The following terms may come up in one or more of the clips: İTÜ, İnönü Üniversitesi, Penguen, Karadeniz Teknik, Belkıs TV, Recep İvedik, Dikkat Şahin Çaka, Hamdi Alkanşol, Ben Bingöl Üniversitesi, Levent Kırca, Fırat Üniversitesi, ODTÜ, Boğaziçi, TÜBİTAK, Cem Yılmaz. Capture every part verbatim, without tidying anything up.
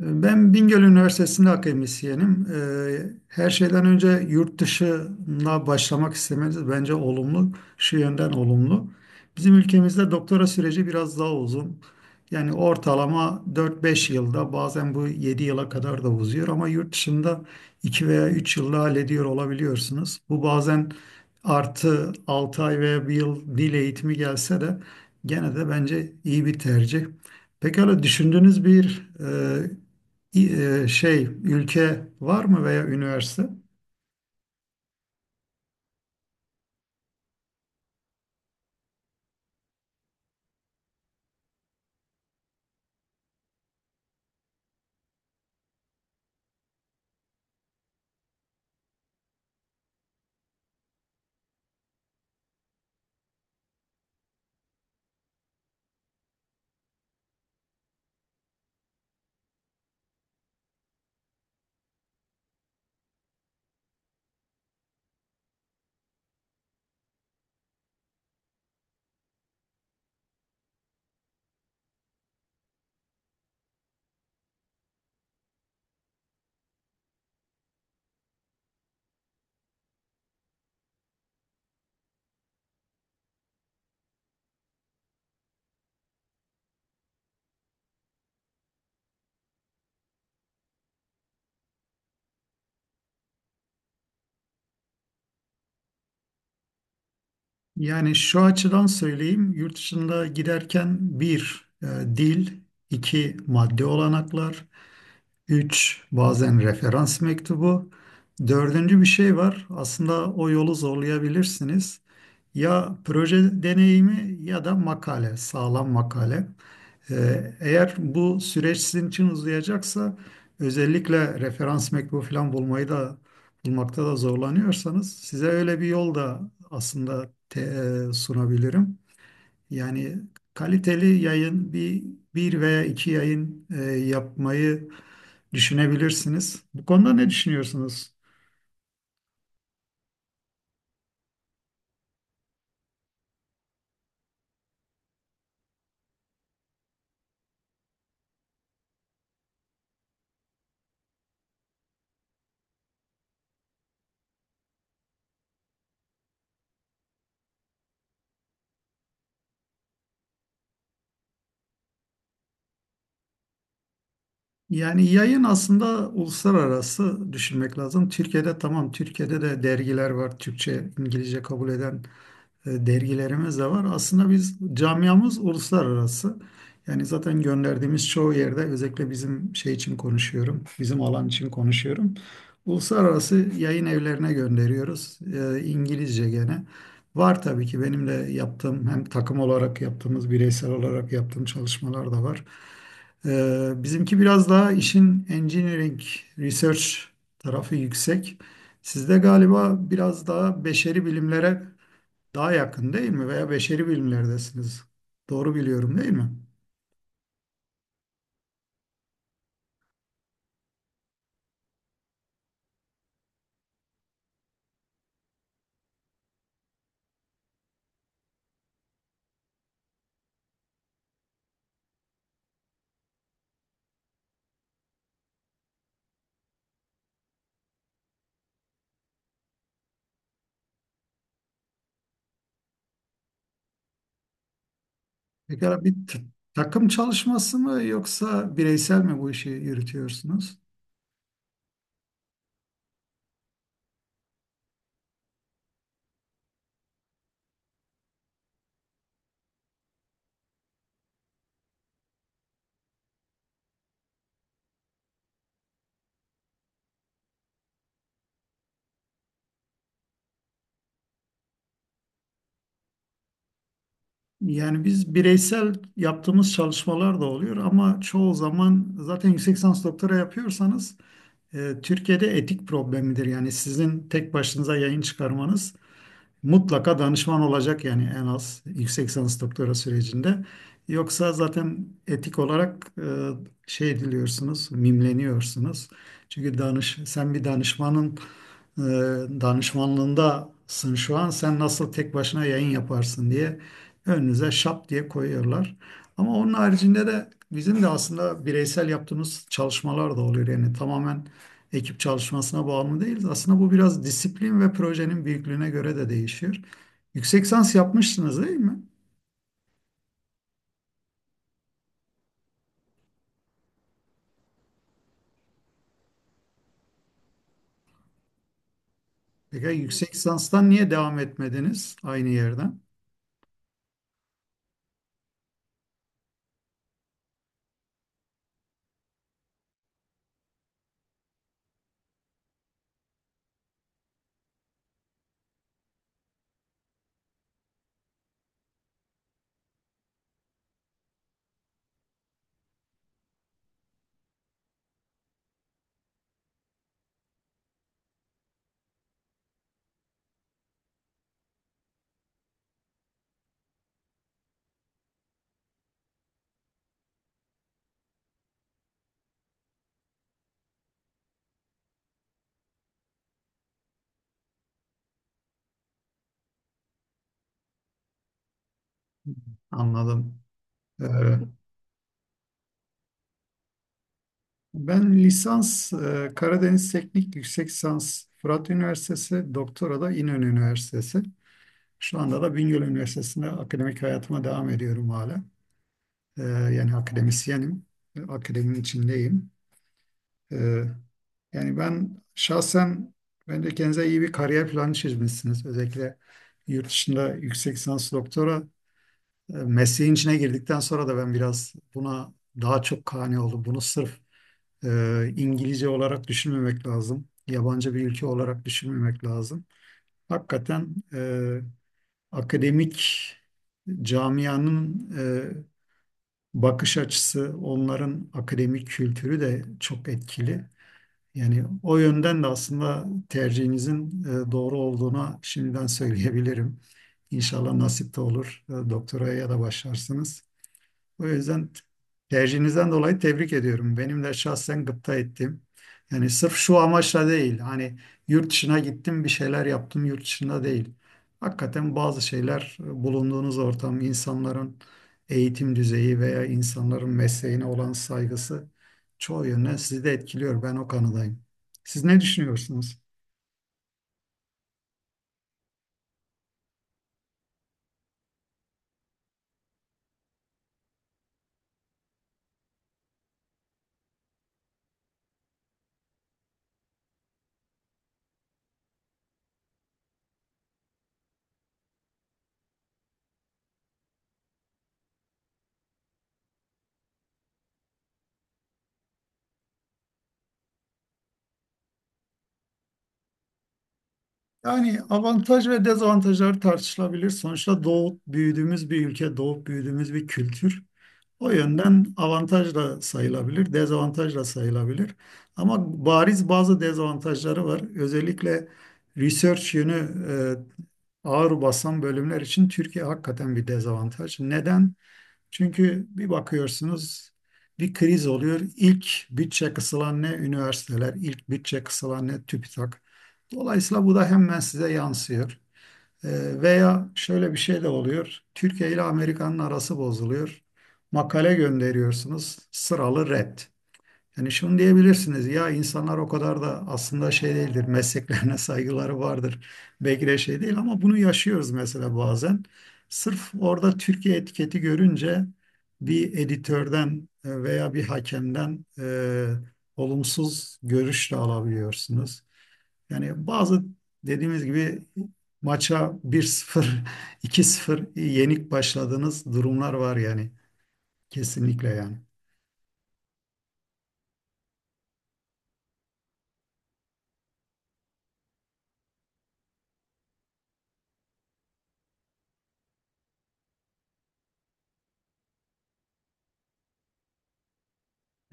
Ee, Ben Bingöl Üniversitesi'nde akademisyenim. Ee, Her şeyden önce yurt dışına başlamak istemeniz bence olumlu, şu yönden olumlu. Bizim ülkemizde doktora süreci biraz daha uzun. Yani ortalama dört beş yılda bazen bu yedi yıla kadar da uzuyor ama yurt dışında iki veya üç yılda hallediyor olabiliyorsunuz. Bu bazen artı altı ay veya bir yıl dil eğitimi gelse de gene de bence iyi bir tercih. Pekala düşündüğünüz bir e, e, şey ülke var mı veya üniversite? Yani şu açıdan söyleyeyim, yurt dışında giderken bir e, dil, iki maddi olanaklar, üç bazen referans mektubu, dördüncü bir şey var. Aslında o yolu zorlayabilirsiniz. Ya proje deneyimi ya da makale, sağlam makale. Ee, Eğer bu süreç sizin için uzayacaksa özellikle referans mektubu falan bulmayı da bulmakta da zorlanıyorsanız size öyle bir yol da aslında te- e, sunabilirim. Yani kaliteli yayın bir, bir veya iki yayın e, yapmayı düşünebilirsiniz. Bu konuda ne düşünüyorsunuz? Yani yayın aslında uluslararası düşünmek lazım. Türkiye'de tamam, Türkiye'de de dergiler var, Türkçe, İngilizce kabul eden e, dergilerimiz de var. Aslında biz camiamız uluslararası. Yani zaten gönderdiğimiz çoğu yerde özellikle bizim şey için konuşuyorum, bizim alan için konuşuyorum. Uluslararası yayın evlerine gönderiyoruz. E, İngilizce gene. Var tabii ki benim de yaptığım hem takım olarak yaptığımız bireysel olarak yaptığım çalışmalar da var. Ee, bizimki biraz daha işin engineering research tarafı yüksek. Sizde galiba biraz daha beşeri bilimlere daha yakın değil mi? Veya beşeri bilimlerdesiniz. Doğru biliyorum değil mi? Pekala bir t- takım çalışması mı yoksa bireysel mi bu işi yürütüyorsunuz? Yani biz bireysel yaptığımız çalışmalar da oluyor ama çoğu zaman zaten yüksek lisans doktora yapıyorsanız e, Türkiye'de etik problemidir. Yani sizin tek başınıza yayın çıkarmanız Mutlaka danışman olacak yani en az yüksek lisans doktora sürecinde. Yoksa zaten etik olarak e, şey ediliyorsunuz, mimleniyorsunuz. Çünkü danış, sen bir danışmanın e, danışmanlığındasın şu an. Sen nasıl tek başına yayın yaparsın diye önünüze şap diye koyuyorlar. Ama onun haricinde de bizim de aslında bireysel yaptığımız çalışmalar da oluyor. Yani tamamen ekip çalışmasına bağımlı değiliz. Aslında bu biraz disiplin ve projenin büyüklüğüne göre de değişiyor. Yüksek lisans yapmışsınız değil mi? Peki yüksek lisanstan niye devam etmediniz aynı yerden? Anladım. Ee, ben lisans e, Karadeniz Teknik Yüksek Lisans Fırat Üniversitesi, doktora da İnönü Üniversitesi. Şu anda da Bingöl Üniversitesi'nde akademik hayatıma devam ediyorum hala. Ee, yani akademisyenim, Ee, akademinin içindeyim. Ee, yani ben şahsen bence kendinize iyi bir kariyer planı çizmişsiniz. Özellikle yurt dışında yüksek lisans doktora e, mesleğin içine girdikten sonra da ben biraz buna daha çok kani oldum. Bunu sırf e, İngilizce olarak düşünmemek lazım. Yabancı bir ülke olarak düşünmemek lazım. Hakikaten e, akademik camianın e, bakış açısı, onların akademik kültürü de çok etkili. Yani o yönden de aslında tercihinizin e, doğru olduğuna şimdiden söyleyebilirim. İnşallah nasip de olur. E, Doktoraya da başlarsınız. O yüzden tercihinizden dolayı tebrik ediyorum. Benim de şahsen gıpta ettim. Yani sırf şu amaçla değil. Hani yurt dışına gittim bir şeyler yaptım yurt dışında değil. Hakikaten bazı şeyler e, bulunduğunuz ortam, insanların eğitim düzeyi veya insanların mesleğine olan saygısı çoğu yönden sizi de etkiliyor. Ben o kanadayım. Siz ne düşünüyorsunuz? Yani avantaj ve dezavantajlar tartışılabilir. Sonuçta doğup büyüdüğümüz bir ülke, doğup büyüdüğümüz bir kültür. O yönden avantaj da sayılabilir, dezavantaj da sayılabilir. Ama bariz bazı dezavantajları var. Özellikle research yönü e, ağır basan bölümler için Türkiye hakikaten bir dezavantaj. Neden? Çünkü bir bakıyorsunuz bir kriz oluyor. İlk bütçe kısılan ne üniversiteler, ilk bütçe kısılan ne TÜBİTAK. Dolayısıyla bu da hemen size yansıyor. Ee, veya şöyle bir şey de oluyor. Türkiye ile Amerika'nın arası bozuluyor. Makale gönderiyorsunuz, sıralı red. Yani şunu diyebilirsiniz ya insanlar o kadar da aslında şey değildir, mesleklerine saygıları vardır. Belki de şey değil ama bunu yaşıyoruz mesela bazen. Sırf orada Türkiye etiketi görünce bir editörden e, veya bir hakemden e, olumsuz görüş de alabiliyorsunuz. Yani bazı dediğimiz gibi maça bir sıfır, iki sıfır yenik başladığınız durumlar var yani. Kesinlikle yani.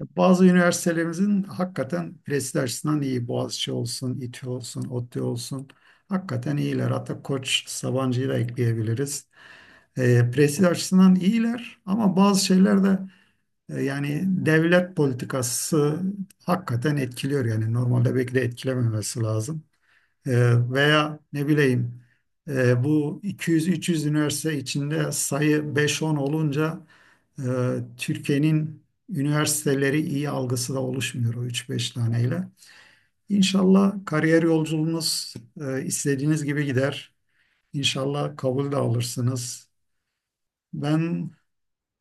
Bazı üniversitelerimizin hakikaten prestij açısından iyi. Boğaziçi olsun, İTÜ olsun, ODTÜ olsun. Hakikaten iyiler. Hatta Koç Sabancı'yı da ekleyebiliriz. E, prestij açısından iyiler ama bazı şeyler de e, yani devlet politikası hakikaten etkiliyor yani. Normalde belki de etkilememesi lazım. Ee, veya ne bileyim e, bu iki yüz üç yüz üniversite içinde sayı beş on olunca e, Türkiye'nin üniversiteleri iyi algısı da oluşmuyor o üç beş taneyle. İnşallah kariyer yolculuğunuz e, istediğiniz gibi gider. İnşallah kabul de alırsınız. Ben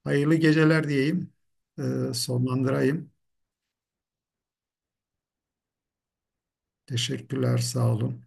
hayırlı geceler diyeyim, e, sonlandırayım. Teşekkürler, sağ olun.